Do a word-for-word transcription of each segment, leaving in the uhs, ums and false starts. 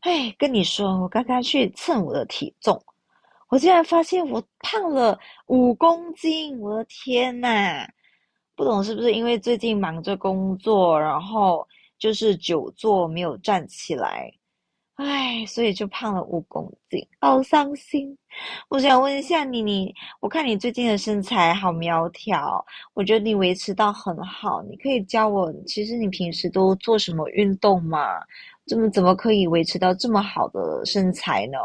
哎，跟你说，我刚刚去称我的体重，我竟然发现我胖了五公斤！我的天呐，不懂是不是因为最近忙着工作，然后就是久坐没有站起来，唉，所以就胖了五公斤，好伤心。我想问一下你，你我看你最近的身材好苗条，我觉得你维持到很好。你可以教我，其实你平时都做什么运动吗？怎么怎么可以维持到这么好的身材呢？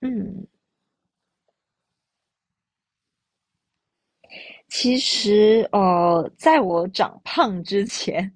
嗯，其实呃，在我长胖之前，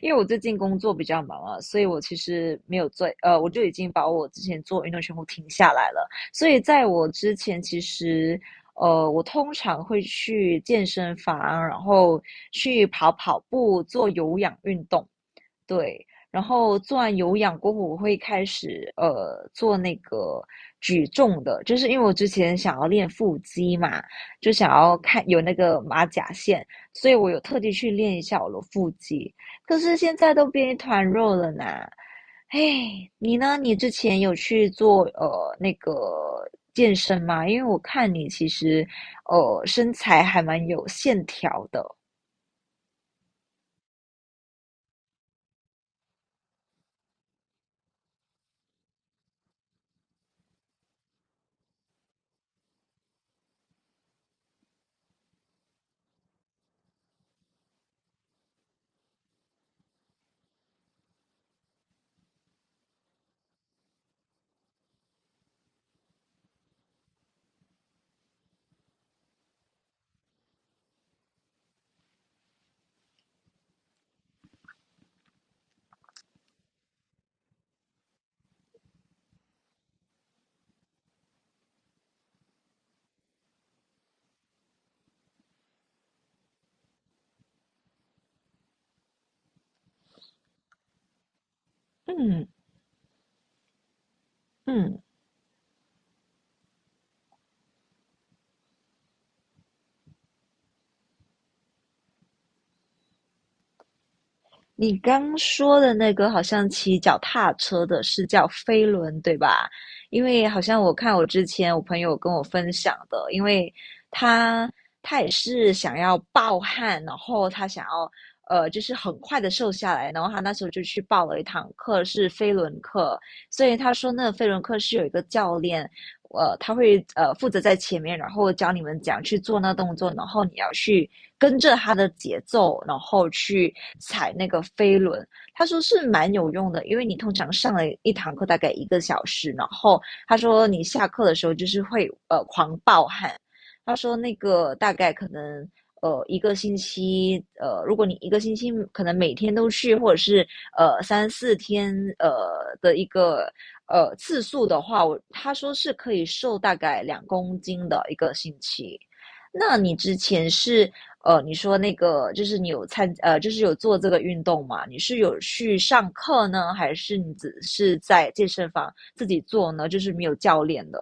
因为我最近工作比较忙啊，所以我其实没有做，呃，我就已经把我之前做运动全部停下来了。所以在我之前，其实呃，我通常会去健身房，然后去跑跑步，做有氧运动。对，然后做完有氧过后，我会开始呃做那个举重的，就是因为我之前想要练腹肌嘛，就想要看有那个马甲线，所以我有特地去练一下我的腹肌。可是现在都变一团肉了呢。嘿，你呢？你之前有去做呃那个健身吗？因为我看你其实呃身材还蛮有线条的。嗯嗯。你刚说的那个好像骑脚踏车的是叫飞轮，对吧？因为好像我看我之前我朋友跟我分享的，因为他他也是想要暴汗，然后他想要呃就是很快的瘦下来，然后他那时候就去报了一堂课是飞轮课，所以他说那个飞轮课是有一个教练，呃，他会呃负责在前面，然后教你们怎样去做那动作，然后你要去跟着他的节奏，然后去踩那个飞轮。他说是蛮有用的，因为你通常上了一堂课大概一个小时，然后他说你下课的时候就是会呃狂暴汗，他说那个大概可能呃一个星期，呃，如果你一个星期可能每天都去，或者是呃三四天呃的一个呃次数的话，我他说是可以瘦大概两公斤的一个星期。那你之前是呃，你说那个就是你有参呃，就是有做这个运动嘛？你是有去上课呢，还是你只是在健身房自己做呢？就是没有教练的？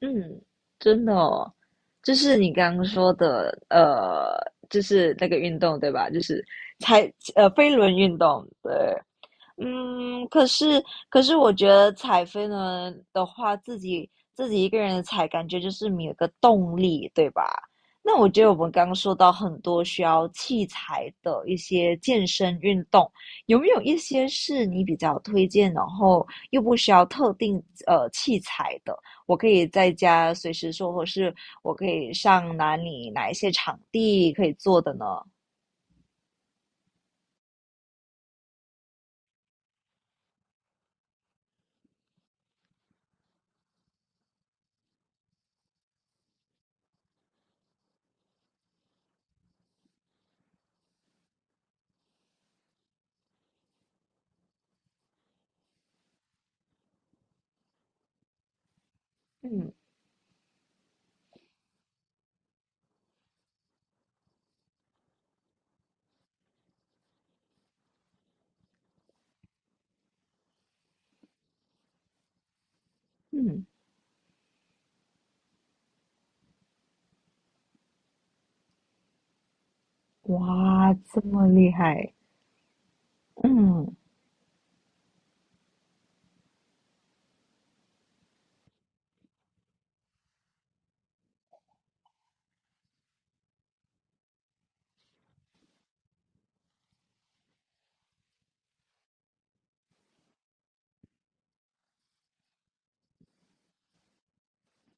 嗯，真的哦，就是你刚刚说的，呃，就是那个运动对吧？就是猜呃飞轮运动，对，嗯，可是可是我觉得踩飞轮的话，自己自己一个人踩，感觉就是没有个动力，对吧？那我觉得我们刚刚说到很多需要器材的一些健身运动，有没有一些是你比较推荐，然后又不需要特定呃器材的？我可以在家随时做，或是我可以上哪里哪一些场地可以做的呢？嗯嗯，哇，这么厉害！嗯。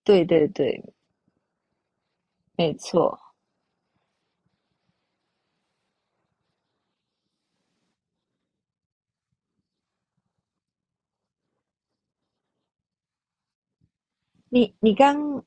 对对对，没错。你你刚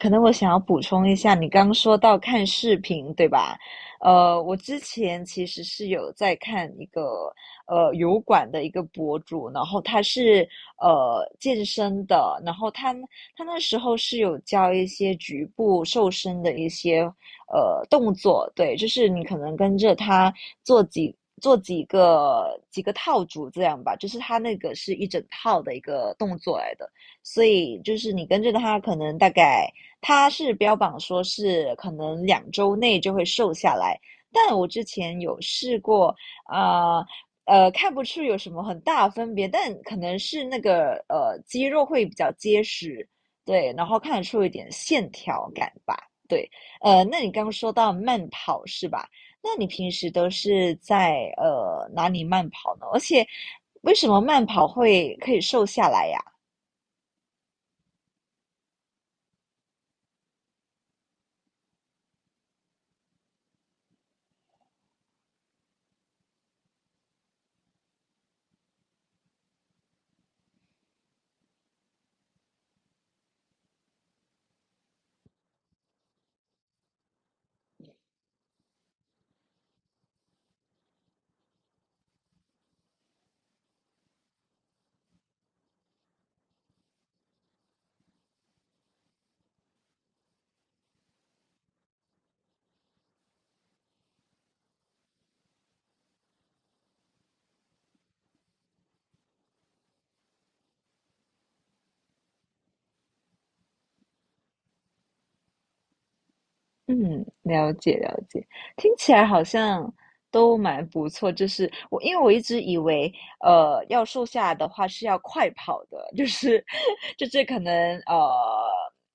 可能我想要补充一下，你刚说到看视频，对吧？呃，我之前其实是有在看一个呃油管的一个博主，然后他是呃健身的，然后他他那时候是有教一些局部瘦身的一些呃动作，对，就是你可能跟着他做几。做几个几个套组这样吧，就是他那个是一整套的一个动作来的，所以就是你跟着他可能大概他是标榜说是可能两周内就会瘦下来，但我之前有试过，啊、呃，看不出有什么很大的分别，但可能是那个呃肌肉会比较结实，对，然后看得出一点线条感吧，对，呃，那你刚刚说到慢跑是吧？那你平时都是在呃哪里慢跑呢？而且为什么慢跑会可以瘦下来呀？嗯，了解了解，听起来好像都蛮不错。就是我，因为我一直以为，呃，要瘦下来的话是要快跑的，就是 就是可能呃，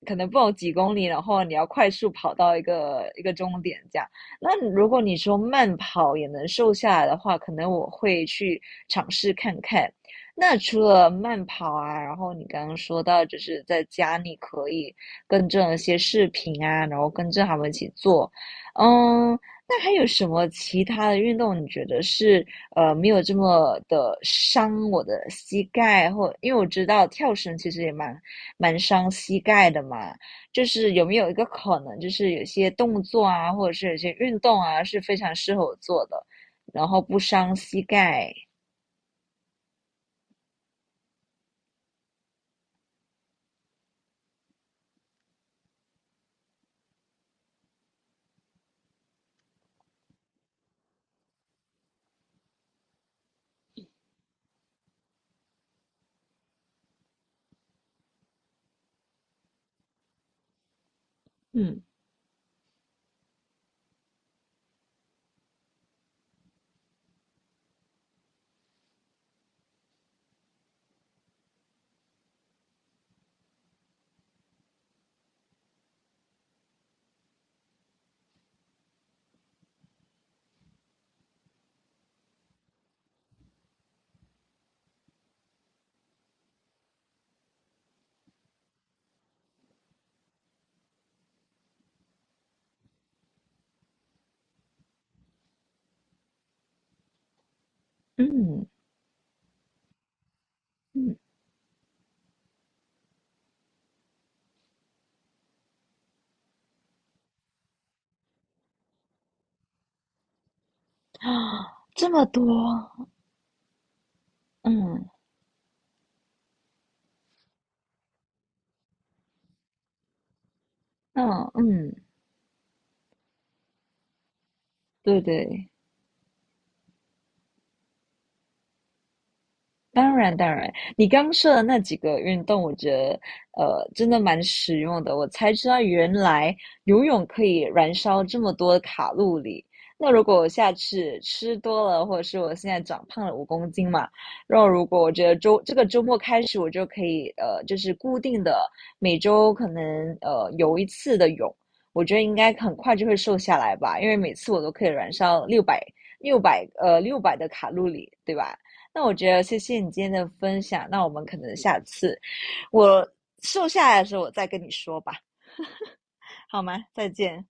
可能不懂几公里，然后你要快速跑到一个一个终点这样。那如果你说慢跑也能瘦下来的话，可能我会去尝试看看。那除了慢跑啊，然后你刚刚说到，就是在家你可以。跟正一些视频啊，然后跟着他们一起做。嗯，那还有什么其他的运动？你觉得是呃没有这么的伤我的膝盖，或因为我知道跳绳其实也蛮蛮伤膝盖的嘛。就是有没有一个可能，就是有些动作啊，或者是有些运动啊，是非常适合我做的，然后不伤膝盖。嗯，嗯嗯啊，这么多，嗯嗯嗯，对对，当然，当然，你刚说的那几个运动，我觉得呃，真的蛮实用的。我才知道原来游泳可以燃烧这么多卡路里。那如果我下次吃多了，或者是我现在长胖了五公斤嘛，然后如果我觉得周这个周末开始，我就可以呃，就是固定的每周可能呃游一次的泳，我觉得应该很快就会瘦下来吧，因为每次我都可以燃烧六百六百呃六百的卡路里，对吧？那我觉得谢谢你今天的分享，那我们可能下次我瘦下来的时候我再跟你说吧，好吗？再见。